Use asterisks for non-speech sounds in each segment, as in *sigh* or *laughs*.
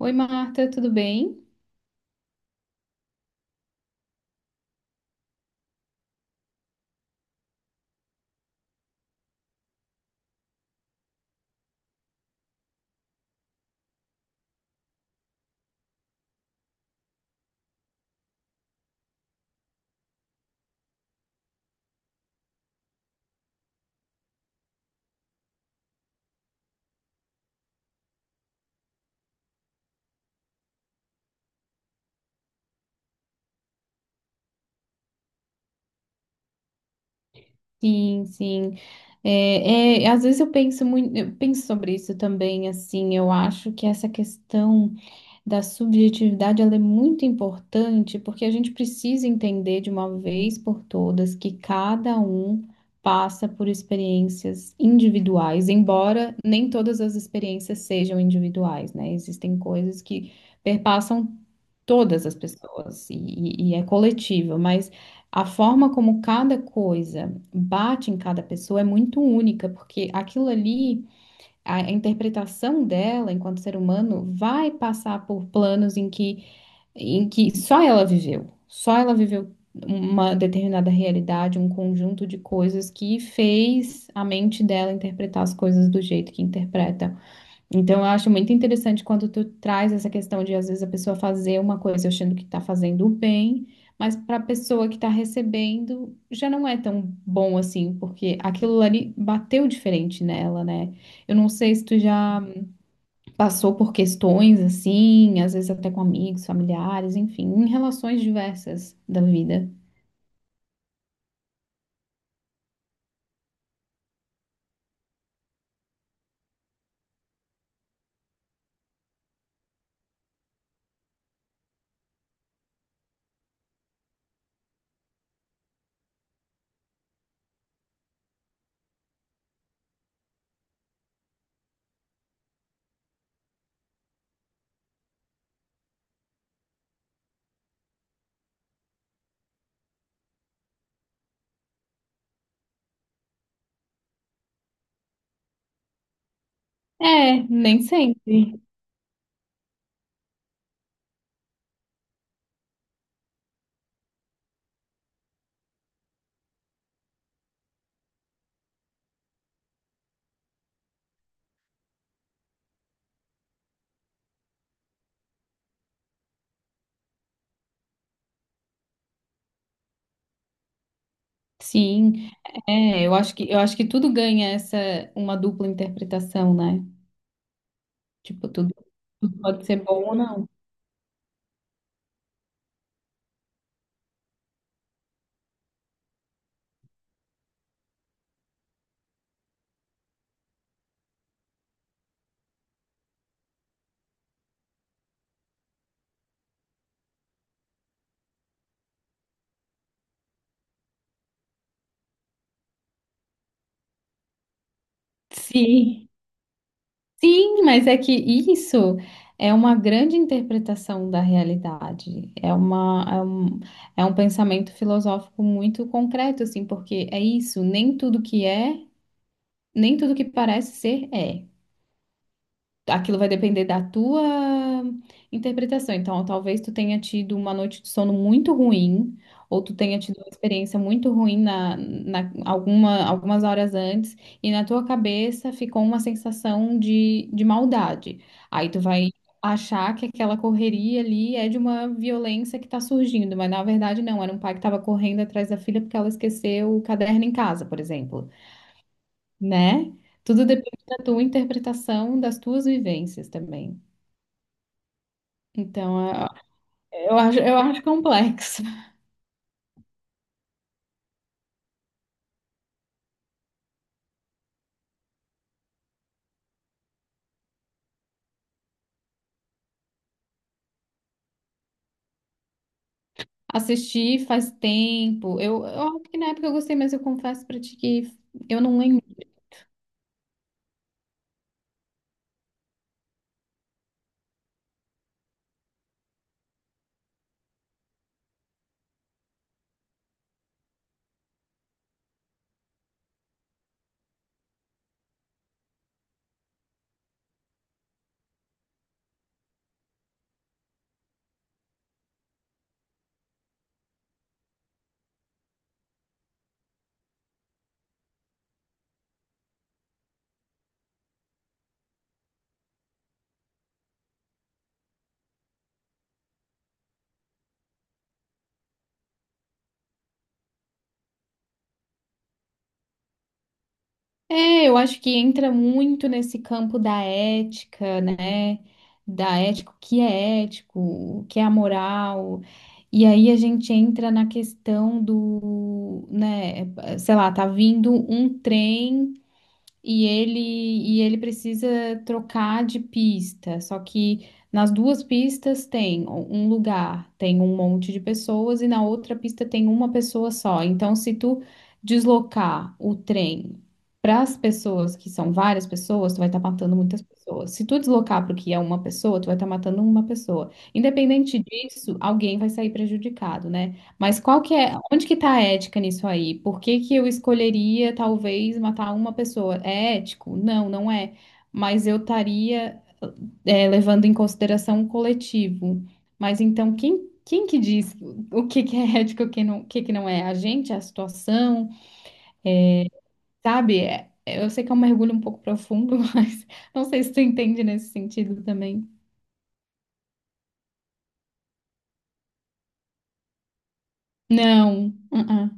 Oi, Marta, tudo bem? Sim, sim. É, às vezes eu penso muito, eu penso sobre isso também, assim, eu acho que essa questão da subjetividade, ela é muito importante, porque a gente precisa entender de uma vez por todas que cada um passa por experiências individuais, embora nem todas as experiências sejam individuais, né? Existem coisas que perpassam todas as pessoas é coletiva, mas a forma como cada coisa bate em cada pessoa é muito única, porque aquilo ali, a interpretação dela enquanto ser humano vai passar por planos em que só ela viveu uma determinada realidade, um conjunto de coisas que fez a mente dela interpretar as coisas do jeito que interpreta. Então, eu acho muito interessante quando tu traz essa questão de, às vezes, a pessoa fazer uma coisa achando que está fazendo o bem, mas para a pessoa que está recebendo, já não é tão bom assim, porque aquilo ali bateu diferente nela, né? Eu não sei se tu já passou por questões assim, às vezes até com amigos, familiares, enfim, em relações diversas da vida. É, nem sempre. Sim, é, eu acho que tudo ganha uma dupla interpretação, né? Tipo, tudo, *laughs* tudo pode ser bom ou não. Sim, sim, mas é que isso é uma grande interpretação da realidade. É um pensamento filosófico muito concreto, assim, porque é isso, nem tudo que parece ser é. Aquilo vai depender da tua interpretação. Então, talvez tu tenha tido uma noite de sono muito ruim, ou tu tenha tido uma experiência muito ruim na algumas horas antes, e na tua cabeça ficou uma sensação de maldade. Aí tu vai achar que aquela correria ali é de uma violência que está surgindo, mas na verdade não, era um pai que estava correndo atrás da filha porque ela esqueceu o caderno em casa, por exemplo, né? Tudo depende da tua interpretação, das tuas vivências também. Então, é- eu acho complexo. *laughs* Assisti faz tempo. Eu acho que na época eu gostei, mas eu confesso pra ti que eu não lembro. É, eu acho que entra muito nesse campo da ética, né? Da ética, o que é ético, o que é amoral. E aí a gente entra na questão do, né, sei lá, tá vindo um trem. E ele precisa trocar de pista. Só que nas duas pistas tem um lugar, tem um monte de pessoas e na outra pista tem uma pessoa só. Então, se tu deslocar o trem para as pessoas que são várias pessoas, tu vai estar matando muitas pessoas. Se tu deslocar para o que é uma pessoa, tu vai estar matando uma pessoa. Independente disso, alguém vai sair prejudicado, né? Mas qual que é, onde que tá a ética nisso aí? Por que que eu escolheria talvez matar uma pessoa? É ético? Não, não é. Mas eu estaria levando em consideração o coletivo. Mas então quem que diz o que que é *laughs* ético, e o que não, o que que não é? A gente, a situação, sabe? Eu sei que é um mergulho um pouco profundo, *laughs* mas não sei se tu entende nesse sentido também. Não. Uh-uh.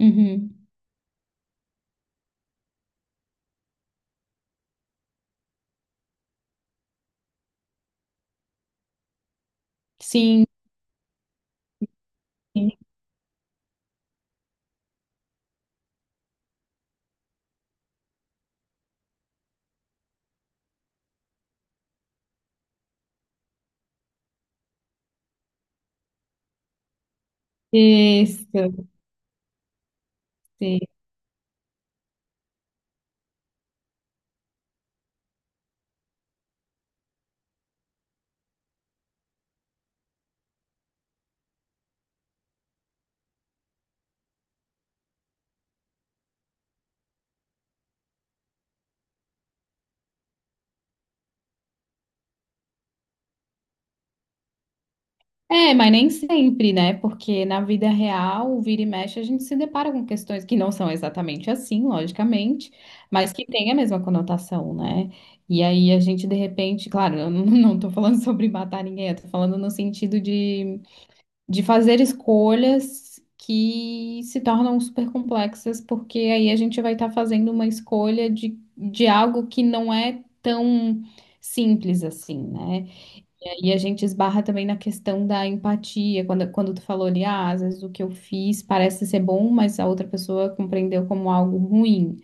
Uhum. Sim. Isso. Sim. É, mas nem sempre, né? Porque na vida real, vira e mexe, a gente se depara com questões que não são exatamente assim, logicamente, mas que têm a mesma conotação, né? E aí a gente, de repente, claro, eu não *laughs* não tô falando sobre matar ninguém, eu tô falando no sentido de fazer escolhas que se tornam super complexas, porque aí a gente vai estar fazendo uma escolha de algo que não é tão simples assim, né? E a gente esbarra também na questão da empatia, quando tu falou ali, ah, às vezes o que eu fiz parece ser bom, mas a outra pessoa compreendeu como algo ruim.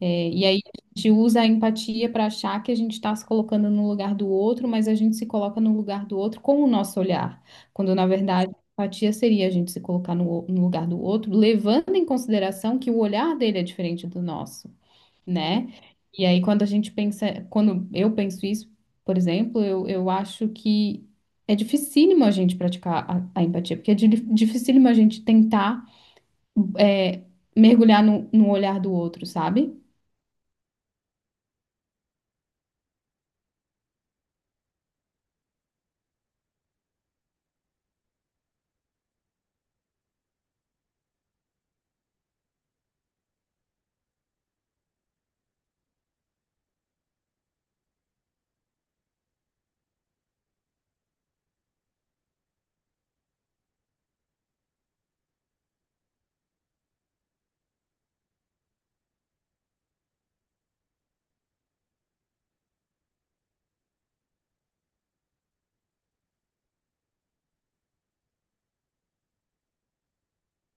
É, e aí a gente usa a empatia para achar que a gente está se colocando no lugar do outro, mas a gente se coloca no lugar do outro com o nosso olhar, quando na verdade a empatia seria a gente se colocar no lugar do outro, levando em consideração que o olhar dele é diferente do nosso, né? E aí, quando a gente pensa, quando eu penso isso, por exemplo, eu acho que é dificílimo a gente praticar a empatia, porque é dificílimo a gente tentar é, mergulhar no olhar do outro, sabe?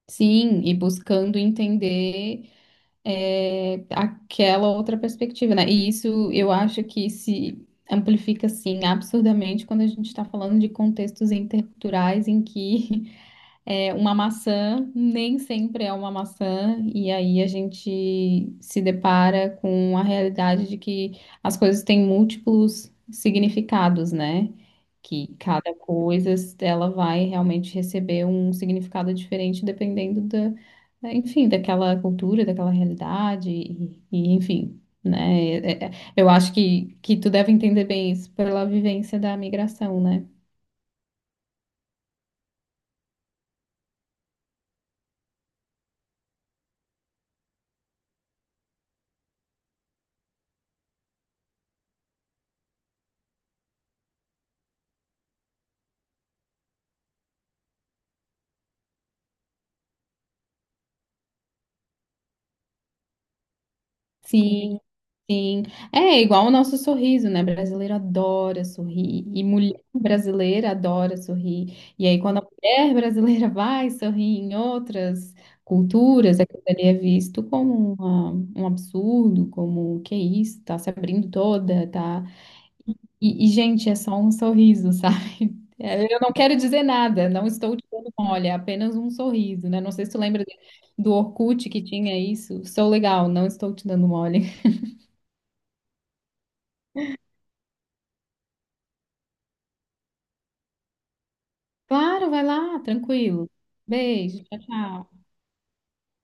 Sim, e buscando entender aquela outra perspectiva, né? E isso eu acho que se amplifica, assim, absurdamente quando a gente está falando de contextos interculturais em que é, uma maçã nem sempre é uma maçã, e aí a gente se depara com a realidade de que as coisas têm múltiplos significados, né? Que cada coisa ela vai realmente receber um significado diferente dependendo enfim, daquela cultura, daquela realidade, e enfim, né? Eu acho que tu deve entender bem isso pela vivência da migração, né? Sim, sim. É igual o nosso sorriso, né? Brasileiro adora sorrir. E mulher brasileira adora sorrir. E aí, quando a mulher brasileira *laughs* vai sorrir em outras culturas, aquilo ali é visto como um absurdo, como que isso, tá se abrindo toda, tá. E, gente, é só um sorriso, sabe? *laughs* É, eu não quero dizer nada, não estou te dando mole, é apenas um sorriso, né? Não sei se tu lembra do Orkut que tinha isso. Sou legal, não estou te dando mole. Claro, vai lá, tranquilo. Beijo, tchau, tchau.